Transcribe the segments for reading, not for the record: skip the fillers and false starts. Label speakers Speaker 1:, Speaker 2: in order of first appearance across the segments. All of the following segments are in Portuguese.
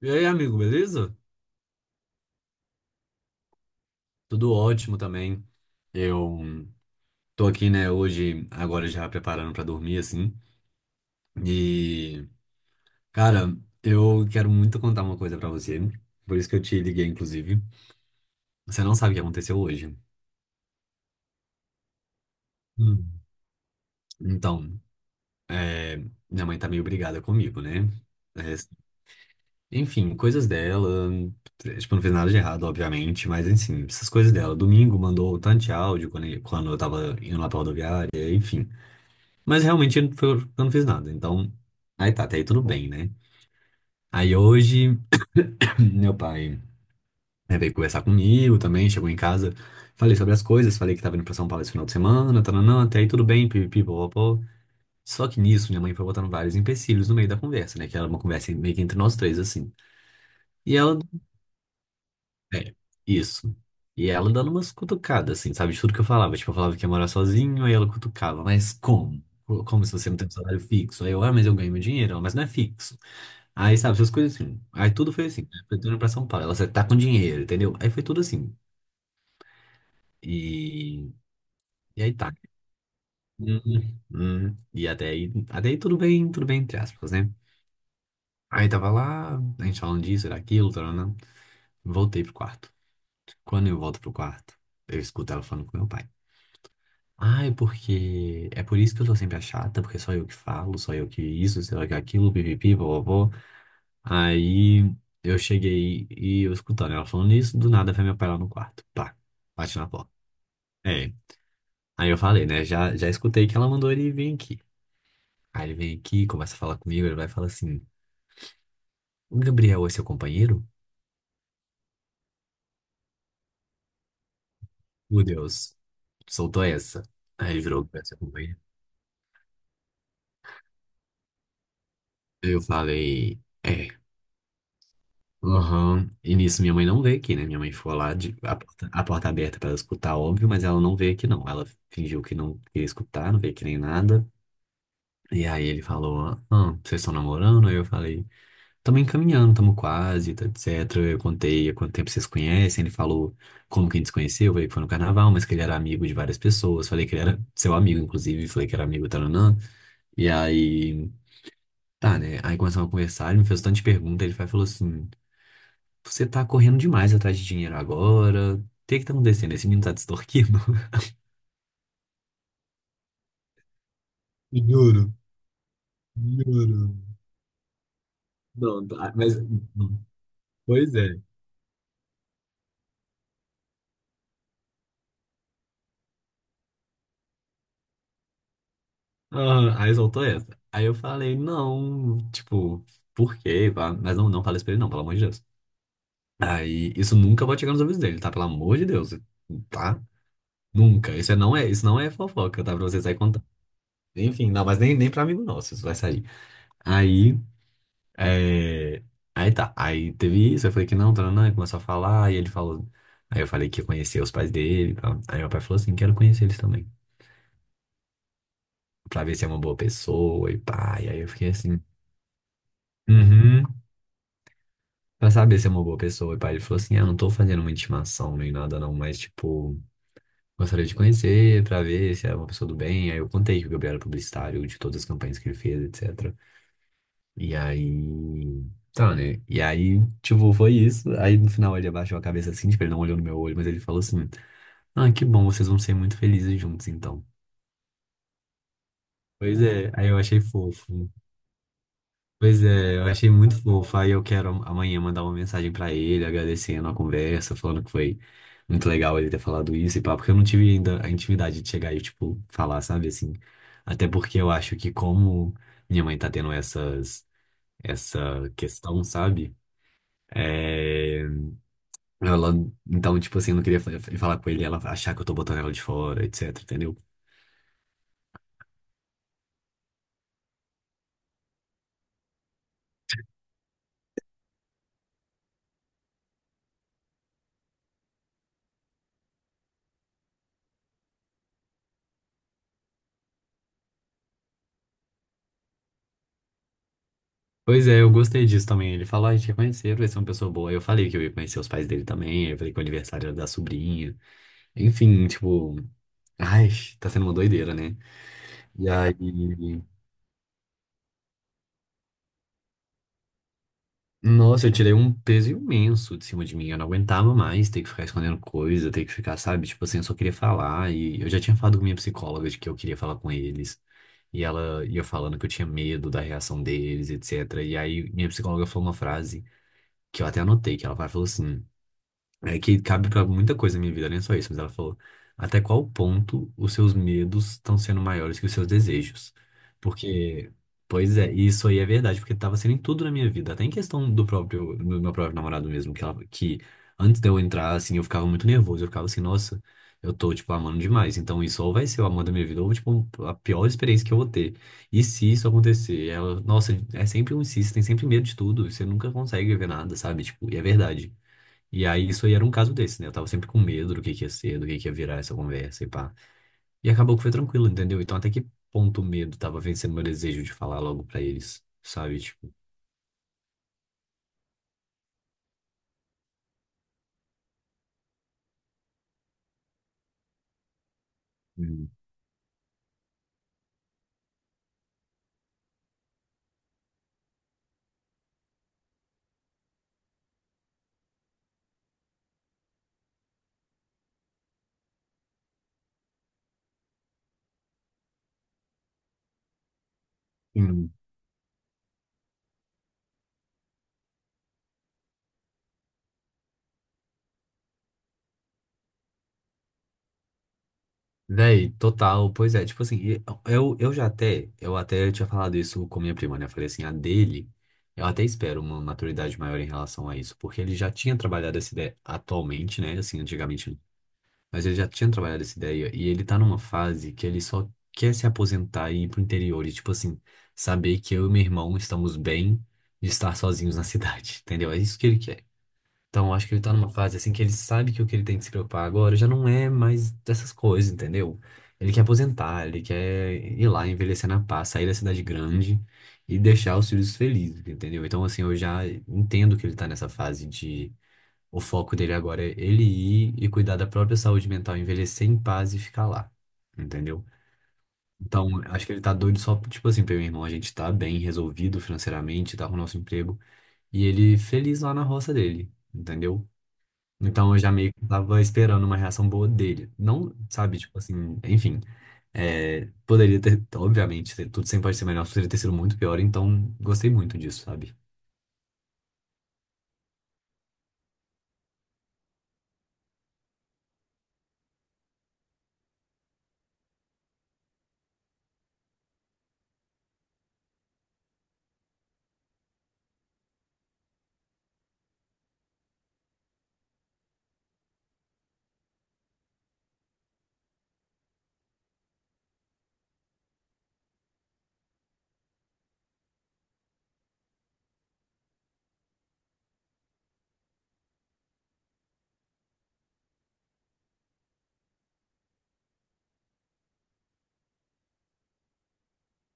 Speaker 1: E aí, amigo, beleza? Tudo ótimo também. Eu tô aqui, né, hoje, agora já preparando pra dormir, assim. E, cara, eu quero muito contar uma coisa pra você. Por isso que eu te liguei, inclusive. Você não sabe o que aconteceu hoje. Hum. Então, minha mãe tá meio brigada comigo, né? É, enfim, coisas dela. Tipo, não fiz nada de errado, obviamente, mas, enfim, essas coisas dela. Domingo mandou tanto de áudio quando eu tava indo lá pra rodoviária, enfim. Mas realmente eu não fiz nada. Então, aí tá, até aí tudo bem, né? Aí hoje, meu pai né, veio conversar comigo também, chegou em casa, falei sobre as coisas, falei que tava indo pra São Paulo esse final de semana, tananã, até aí tudo bem, pipipi, popopó. Só que nisso, minha mãe foi botando vários empecilhos no meio da conversa, né? Que era uma conversa meio que entre nós três, assim. E ela, é, isso. E ela dando umas cutucadas, assim, sabe? De tudo que eu falava. Tipo, eu falava que ia morar sozinho, aí ela cutucava. Mas como? Como se você não tem um salário fixo? Aí eu, ah, mas eu ganho meu dinheiro. Ela, mas não é fixo. Aí, sabe, essas coisas assim. Aí tudo foi assim, né? Foi tudo indo pra São Paulo. Ela, você tá com dinheiro, entendeu? Aí foi tudo assim. E, e aí tá. Hum, E até aí tudo bem, entre aspas, né? Aí tava lá, a gente falando disso, era aquilo, taranã. Voltei pro quarto. Quando eu volto pro quarto, eu escuto ela falando com meu pai. Ah, é porque. É por isso que eu sou sempre a chata, porque só eu que falo, só eu que isso, só eu que aquilo, pipipi, vovó. Aí eu cheguei e eu escutando ela falando isso, do nada vai meu pai lá no quarto. Pá, bate na porta. É. Aí eu falei, né? Já, já escutei que ela mandou ele vir aqui. Aí ele vem aqui, começa a falar comigo, ele vai falar assim: O Gabriel é seu companheiro? Meu Deus, soltou essa. Aí ele virou "Gabriel é seu". Eu falei, é. Aham. E nisso minha mãe não veio aqui, né? Minha mãe ficou lá, a porta aberta pra ela escutar, óbvio, mas ela não veio aqui, não. Ela fingiu que não queria escutar, não veio aqui nem nada. E aí ele falou, ah, vocês estão namorando? Aí eu falei, estamos encaminhando, estamos quase, tá, etc. Eu contei há quanto tempo vocês conhecem, ele falou como que a gente se conheceu, eu falei que foi no carnaval, mas que ele era amigo de várias pessoas, falei que ele era seu amigo, inclusive, falei que era amigo, taranã. E aí, tá, né? Aí começamos a conversar, ele me fez um tanto de pergunta, ele falou assim, você tá correndo demais atrás de dinheiro agora, o que que tá acontecendo? Esse menino tá te extorquindo? Juro, juro. Não, tá, mas... Pois é. Aham, aí soltou essa. Aí eu falei, não, tipo, por quê? Pá? Mas não, não falei isso pra ele, não, pelo amor de Deus. Aí isso nunca vai chegar nos ouvidos dele, tá? Pelo amor de Deus, tá? Nunca. Isso não é fofoca, tá? Pra você sair contando. Enfim, não, mas nem pra amigo nosso isso vai sair. Aí, é... aí tá. Aí teve isso, eu falei que não, tá, não, começou a falar, e ele falou. Aí eu falei que ia conhecer os pais dele, pá. Aí meu pai falou assim, quero conhecer eles também, pra ver se é uma boa pessoa e pá. E aí eu fiquei assim. Uhum. Pra saber se é uma boa pessoa. E pai, ele falou assim: Ah, não tô fazendo uma intimação nem nada, não, mas, tipo, gostaria de conhecer pra ver se é uma pessoa do bem. Aí eu contei que o Gabriel era publicitário de todas as campanhas que ele fez, etc. E aí. Tá, né? E aí, tipo, foi isso. Aí no final ele abaixou a cabeça assim, tipo, ele não olhou no meu olho, mas ele falou assim: Ah, que bom, vocês vão ser muito felizes juntos então. Pois é, aí eu achei fofo. Pois é, eu achei muito fofo. Aí eu quero amanhã mandar uma mensagem pra ele, agradecendo a conversa, falando que foi muito legal ele ter falado isso e pá, porque eu não tive ainda a intimidade de chegar e, tipo, falar, sabe, assim. Até porque eu acho que como minha mãe tá tendo essa questão, sabe? É, ela, então, tipo assim, eu não queria falar com ele, ela achar que eu tô botando ela de fora, etc, entendeu? Pois é, eu gostei disso também. Ele falou, ah, a gente quer conhecer, vai ser uma pessoa boa. Aí eu falei que eu ia conhecer os pais dele também. Aí eu falei que o aniversário era da sobrinha. Enfim, tipo, ai, tá sendo uma doideira, né? E aí, nossa, eu tirei um peso imenso de cima de mim. Eu não aguentava mais ter que ficar escondendo coisa, ter que ficar, sabe? Tipo assim, eu só queria falar. E eu já tinha falado com minha psicóloga de que eu queria falar com eles. E ela ia falando que eu tinha medo da reação deles, etc. E aí, minha psicóloga falou uma frase que eu até anotei, que ela falou assim. É que cabe pra muita coisa na minha vida, nem só isso, mas ela falou: até qual ponto os seus medos estão sendo maiores que os seus desejos? Porque, pois é, e isso aí é verdade, porque tava sendo em tudo na minha vida, até em questão do próprio, do meu próprio namorado mesmo, que, ela, que antes de eu entrar, assim, eu ficava muito nervoso, eu ficava assim, nossa, eu tô, tipo, amando demais, então isso ou vai ser o amor da minha vida, ou, tipo, a pior experiência que eu vou ter. E se isso acontecer? Ela, nossa, é sempre um se, você tem sempre medo de tudo, você nunca consegue ver nada, sabe? Tipo, e é verdade. E aí, isso aí era um caso desse, né? Eu tava sempre com medo do que ia ser, do que ia virar essa conversa e pá. E acabou que foi tranquilo, entendeu? Então, até que ponto o medo tava vencendo meu desejo de falar logo pra eles, sabe? Tipo, hum, hum. Véi, total, pois é. Tipo assim, e eu até tinha falado isso com minha prima, né? Eu falei assim, a dele, eu até espero uma maturidade maior em relação a isso, porque ele já tinha trabalhado essa ideia atualmente, né? Assim, antigamente. Mas ele já tinha trabalhado essa ideia e ele tá numa fase que ele só quer se aposentar e ir pro interior e, tipo assim, saber que eu e meu irmão estamos bem de estar sozinhos na cidade, entendeu? É isso que ele quer. Então, eu acho que ele tá numa fase assim que ele sabe que o que ele tem que se preocupar agora já não é mais dessas coisas, entendeu? Ele quer aposentar, ele quer ir lá, envelhecer na paz, sair da cidade grande e deixar os filhos felizes, entendeu? Então, assim, eu já entendo que ele tá nessa fase de o foco dele agora é ele ir e cuidar da própria saúde mental, envelhecer em paz e ficar lá. Entendeu? Então, acho que ele tá doido só, tipo assim, pra meu irmão, a gente tá bem resolvido financeiramente, tá com o nosso emprego, e ele feliz lá na roça dele, entendeu? Então, eu já meio que tava esperando uma reação boa dele. Não, sabe, tipo assim, enfim, é, poderia ter, obviamente, tudo sempre pode ser melhor, poderia ter sido muito pior, então gostei muito disso, sabe?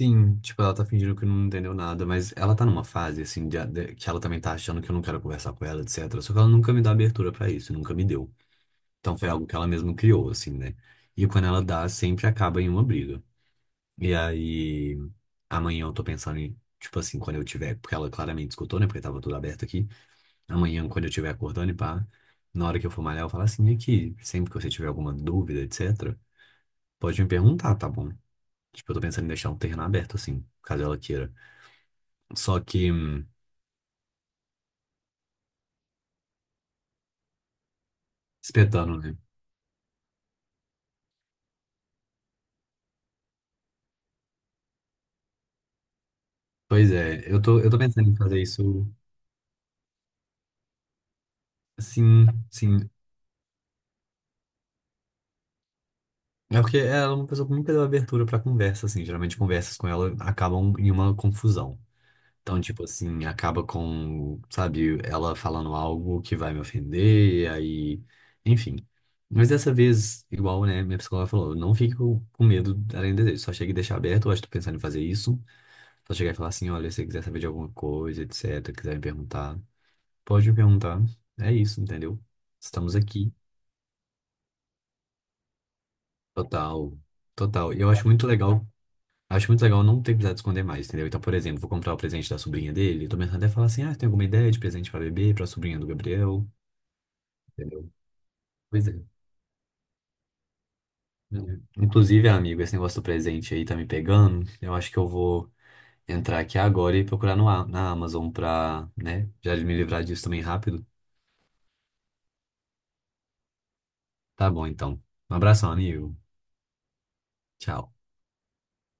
Speaker 1: Sim, tipo, ela tá fingindo que não entendeu nada, mas ela tá numa fase, assim, que ela também tá achando que eu não quero conversar com ela, etc. Só que ela nunca me dá abertura pra isso, nunca me deu. Então foi algo que ela mesma criou, assim, né? E quando ela dá, sempre acaba em uma briga. E aí, amanhã eu tô pensando em, tipo assim, quando eu tiver, porque ela claramente escutou, né? Porque tava tudo aberto aqui. Amanhã, quando eu tiver acordando e pá, na hora que eu for malhar, eu falo assim, aqui, sempre que você tiver alguma dúvida, etc., pode me perguntar, tá bom? Tipo, eu tô pensando em deixar um terreno aberto, assim, caso ela queira. Só que espetando, né? Pois é, eu tô pensando em fazer isso assim, sim. É porque ela é uma pessoa que nunca deu abertura pra conversa, assim. Geralmente conversas com ela acabam em uma confusão. Então, tipo assim, acaba com, sabe, ela falando algo que vai me ofender, e aí, enfim. Mas dessa vez, igual, né, minha psicóloga falou, não fique com medo além do desejo, só chega e deixa aberto, eu acho que tô pensando em fazer isso. Só chegar e falar assim, olha, se você quiser saber de alguma coisa, etc, quiser me perguntar. Pode me perguntar. É isso, entendeu? Estamos aqui. Total. Total. E eu acho muito legal. Acho muito legal não ter precisado esconder mais, entendeu? Então, por exemplo, vou comprar o presente da sobrinha dele. Tô pensando até falar assim: ah, tem alguma ideia de presente pra bebê, pra sobrinha do Gabriel? Entendeu? Pois é. Uhum. Inclusive, amigo, esse negócio do presente aí tá me pegando. Eu acho que eu vou entrar aqui agora e procurar no, A- na Amazon pra, né, já me livrar disso também rápido. Tá bom, então. Um abração, amigo. Tchau.